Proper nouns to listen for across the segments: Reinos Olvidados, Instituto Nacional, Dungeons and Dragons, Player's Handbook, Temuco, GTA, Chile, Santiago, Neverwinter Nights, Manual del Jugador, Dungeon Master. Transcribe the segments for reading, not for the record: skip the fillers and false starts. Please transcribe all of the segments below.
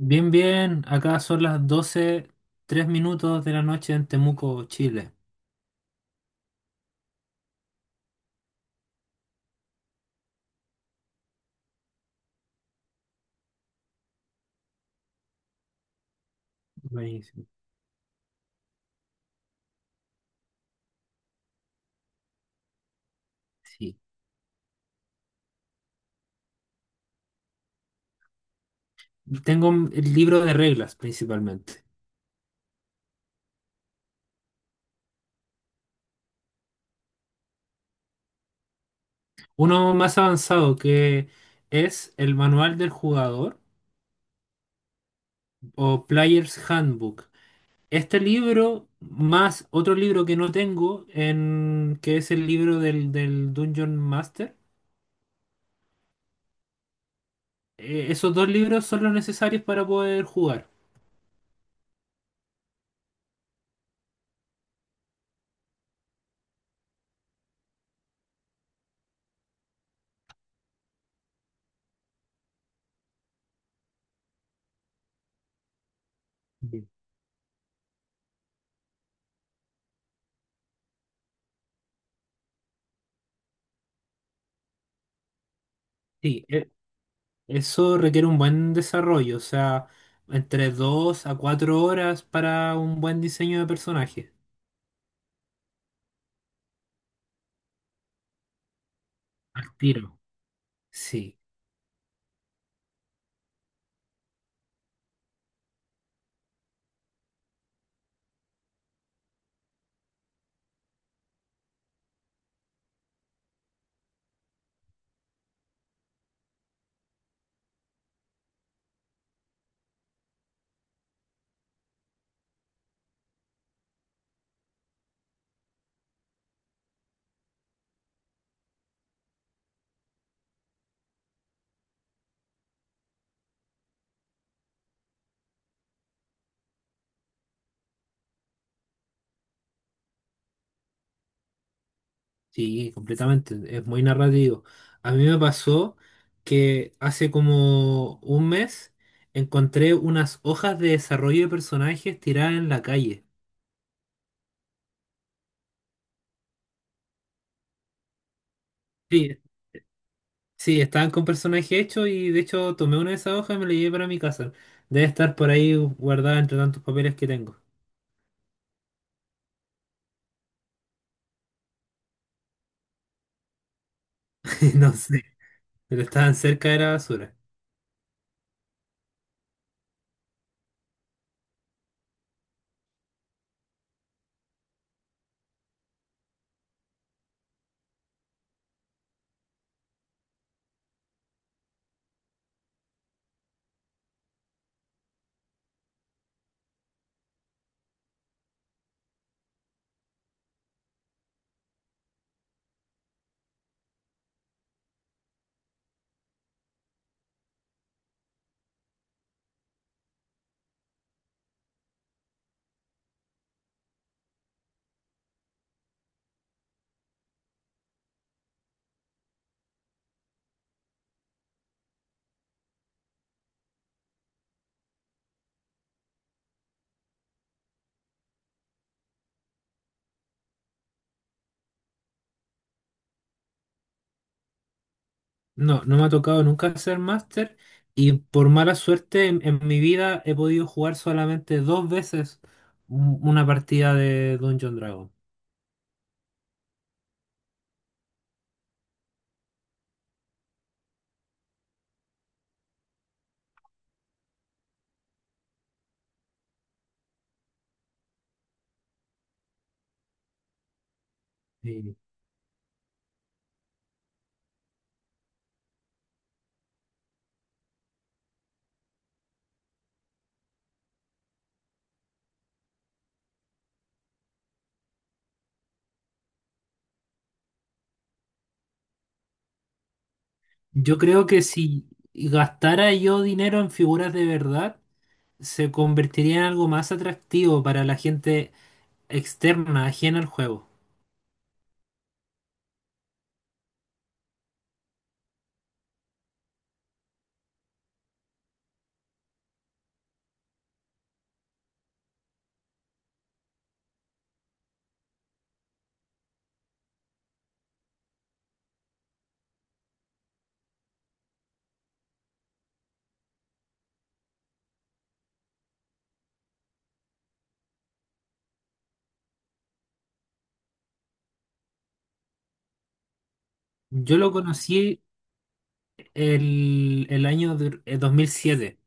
Bien, bien, acá son las 12 3 minutos de la noche en Temuco, Chile. Buenísimo. Sí. Tengo el libro de reglas principalmente. Uno más avanzado que es el Manual del Jugador o Player's Handbook. Este libro más otro libro que no tengo, en, que es el libro del Dungeon Master. Esos dos libros son los necesarios para poder jugar. Bien. Sí, e- Eso requiere un buen desarrollo, o sea, entre dos a cuatro horas para un buen diseño de personaje. Al tiro. Sí, sí, completamente. Es muy narrativo. A mí me pasó que hace como un mes encontré unas hojas de desarrollo de personajes tiradas en la calle. Sí, sí, estaban con personaje hecho y de hecho tomé una de esas hojas y me la llevé para mi casa. Debe estar por ahí guardada entre tantos papeles que tengo. No sé, pero estaban cerca de la basura. No, no me ha tocado nunca hacer máster y por mala suerte en mi vida he podido jugar solamente dos veces una partida de Dungeon Dragon. Y yo creo que si gastara yo dinero en figuras de verdad, se convertiría en algo más atractivo para la gente externa, ajena al juego. Yo lo conocí el año 2007.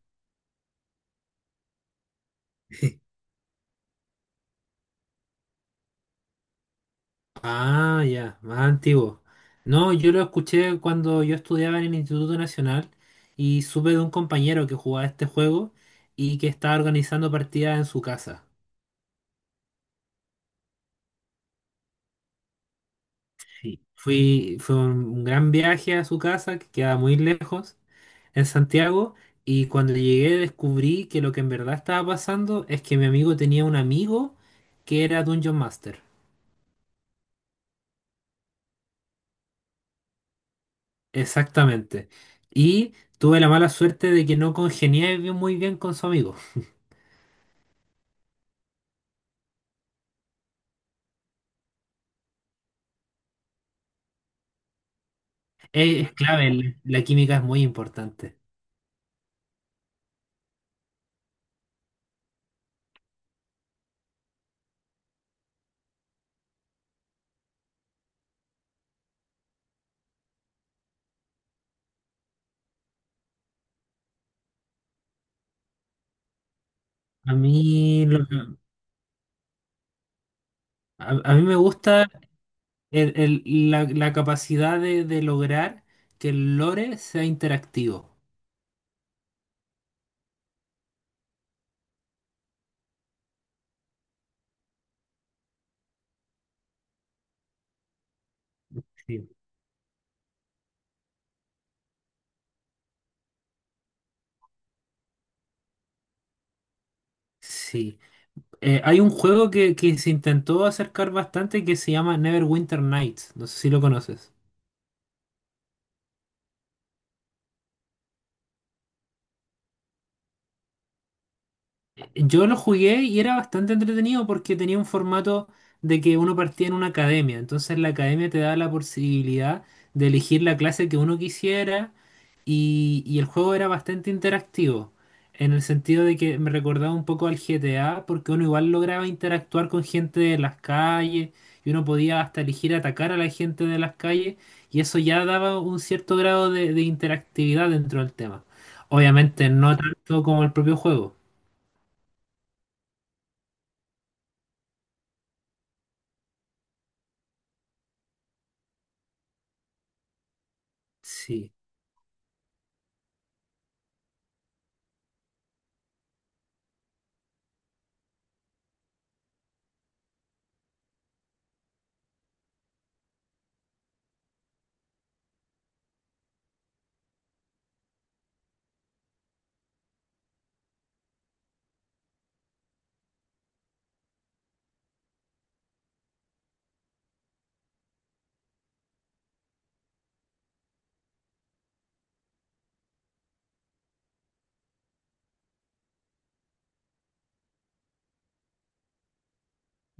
Ah, ya, más antiguo. No, yo lo escuché cuando yo estudiaba en el Instituto Nacional y supe de un compañero que jugaba este juego y que estaba organizando partidas en su casa. Sí. Fui, fue un gran viaje a su casa, que queda muy lejos, en Santiago, y cuando llegué descubrí que lo que en verdad estaba pasando es que mi amigo tenía un amigo que era Dungeon Master. Exactamente. Y tuve la mala suerte de que no muy bien con su amigo. Es clave, el- la química es muy importante. A mí, lo que- a mí me gusta el- el- la capacidad de lograr que el lore sea interactivo. Sí. Sí. Hay un juego que se intentó acercar bastante que se llama Neverwinter Nights. No sé si lo conoces. Yo lo jugué y era bastante entretenido porque tenía un formato de que uno partía en una academia. Entonces la academia te daba la posibilidad de elegir la clase que uno quisiera y el juego era bastante interactivo. En el sentido de que me recordaba un poco al GTA porque uno igual lograba interactuar con gente de las calles y uno podía hasta elegir atacar a la gente de las calles y eso ya daba un cierto grado de interactividad dentro del tema. Obviamente no tanto como el propio juego. Sí.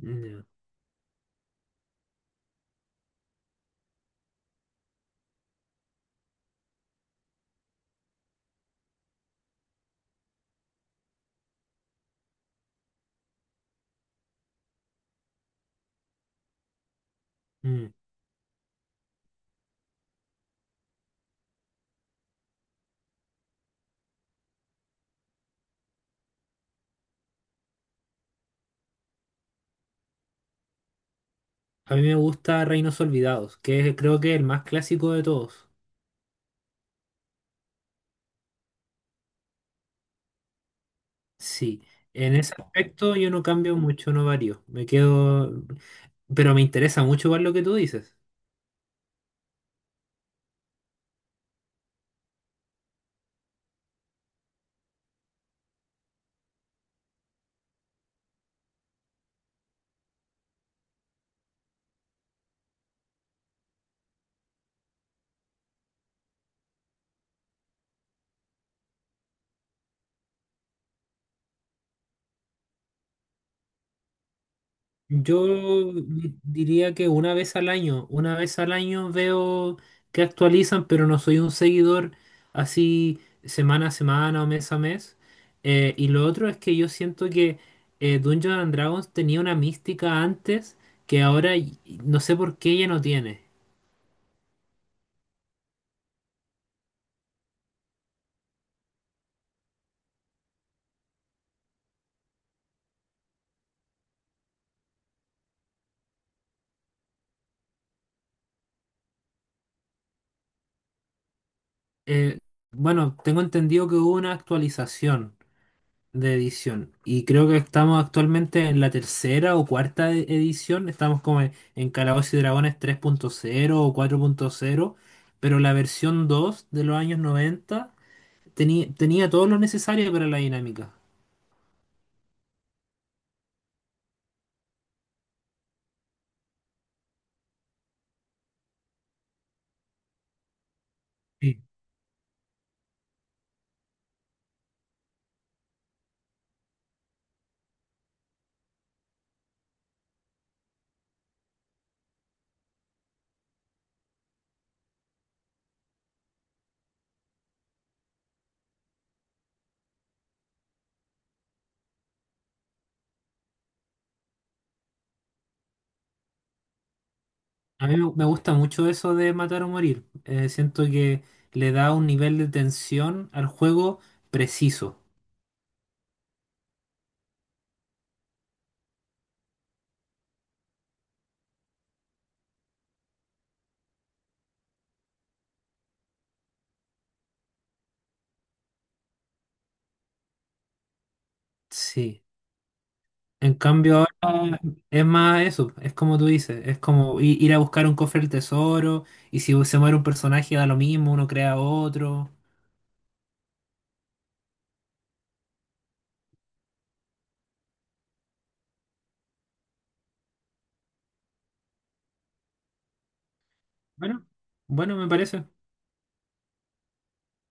Ya. Mm. A mí me gusta Reinos Olvidados, que es creo que el más clásico de todos. Sí, en ese aspecto yo no cambio mucho, no varío. Me quedo, pero me interesa mucho ver lo que tú dices. Diría que una vez al año, una vez al año veo que actualizan, pero no soy un seguidor así semana a semana o mes a mes. Y lo otro es que yo siento que Dungeons and Dragons tenía una mística antes que ahora y no sé por qué ya no tiene. Eh, bueno, tengo entendido que hubo una actualización de edición. Y creo que estamos actualmente en la tercera o cuarta edición. Estamos como en Calabozos y Dragones tres punto cero o cuatro punto cero. Pero la versión 2 de los años 90 tenía, tenía todo lo necesario para la dinámica. Sí. A mí me gusta mucho eso de matar o morir. Siento que le da un nivel de tensión al juego preciso. Sí. En cambio ahora es más eso, es como tú dices, es como ir a buscar un cofre del tesoro y si se muere un personaje da lo mismo, uno crea otro. Bueno, bueno, me parece.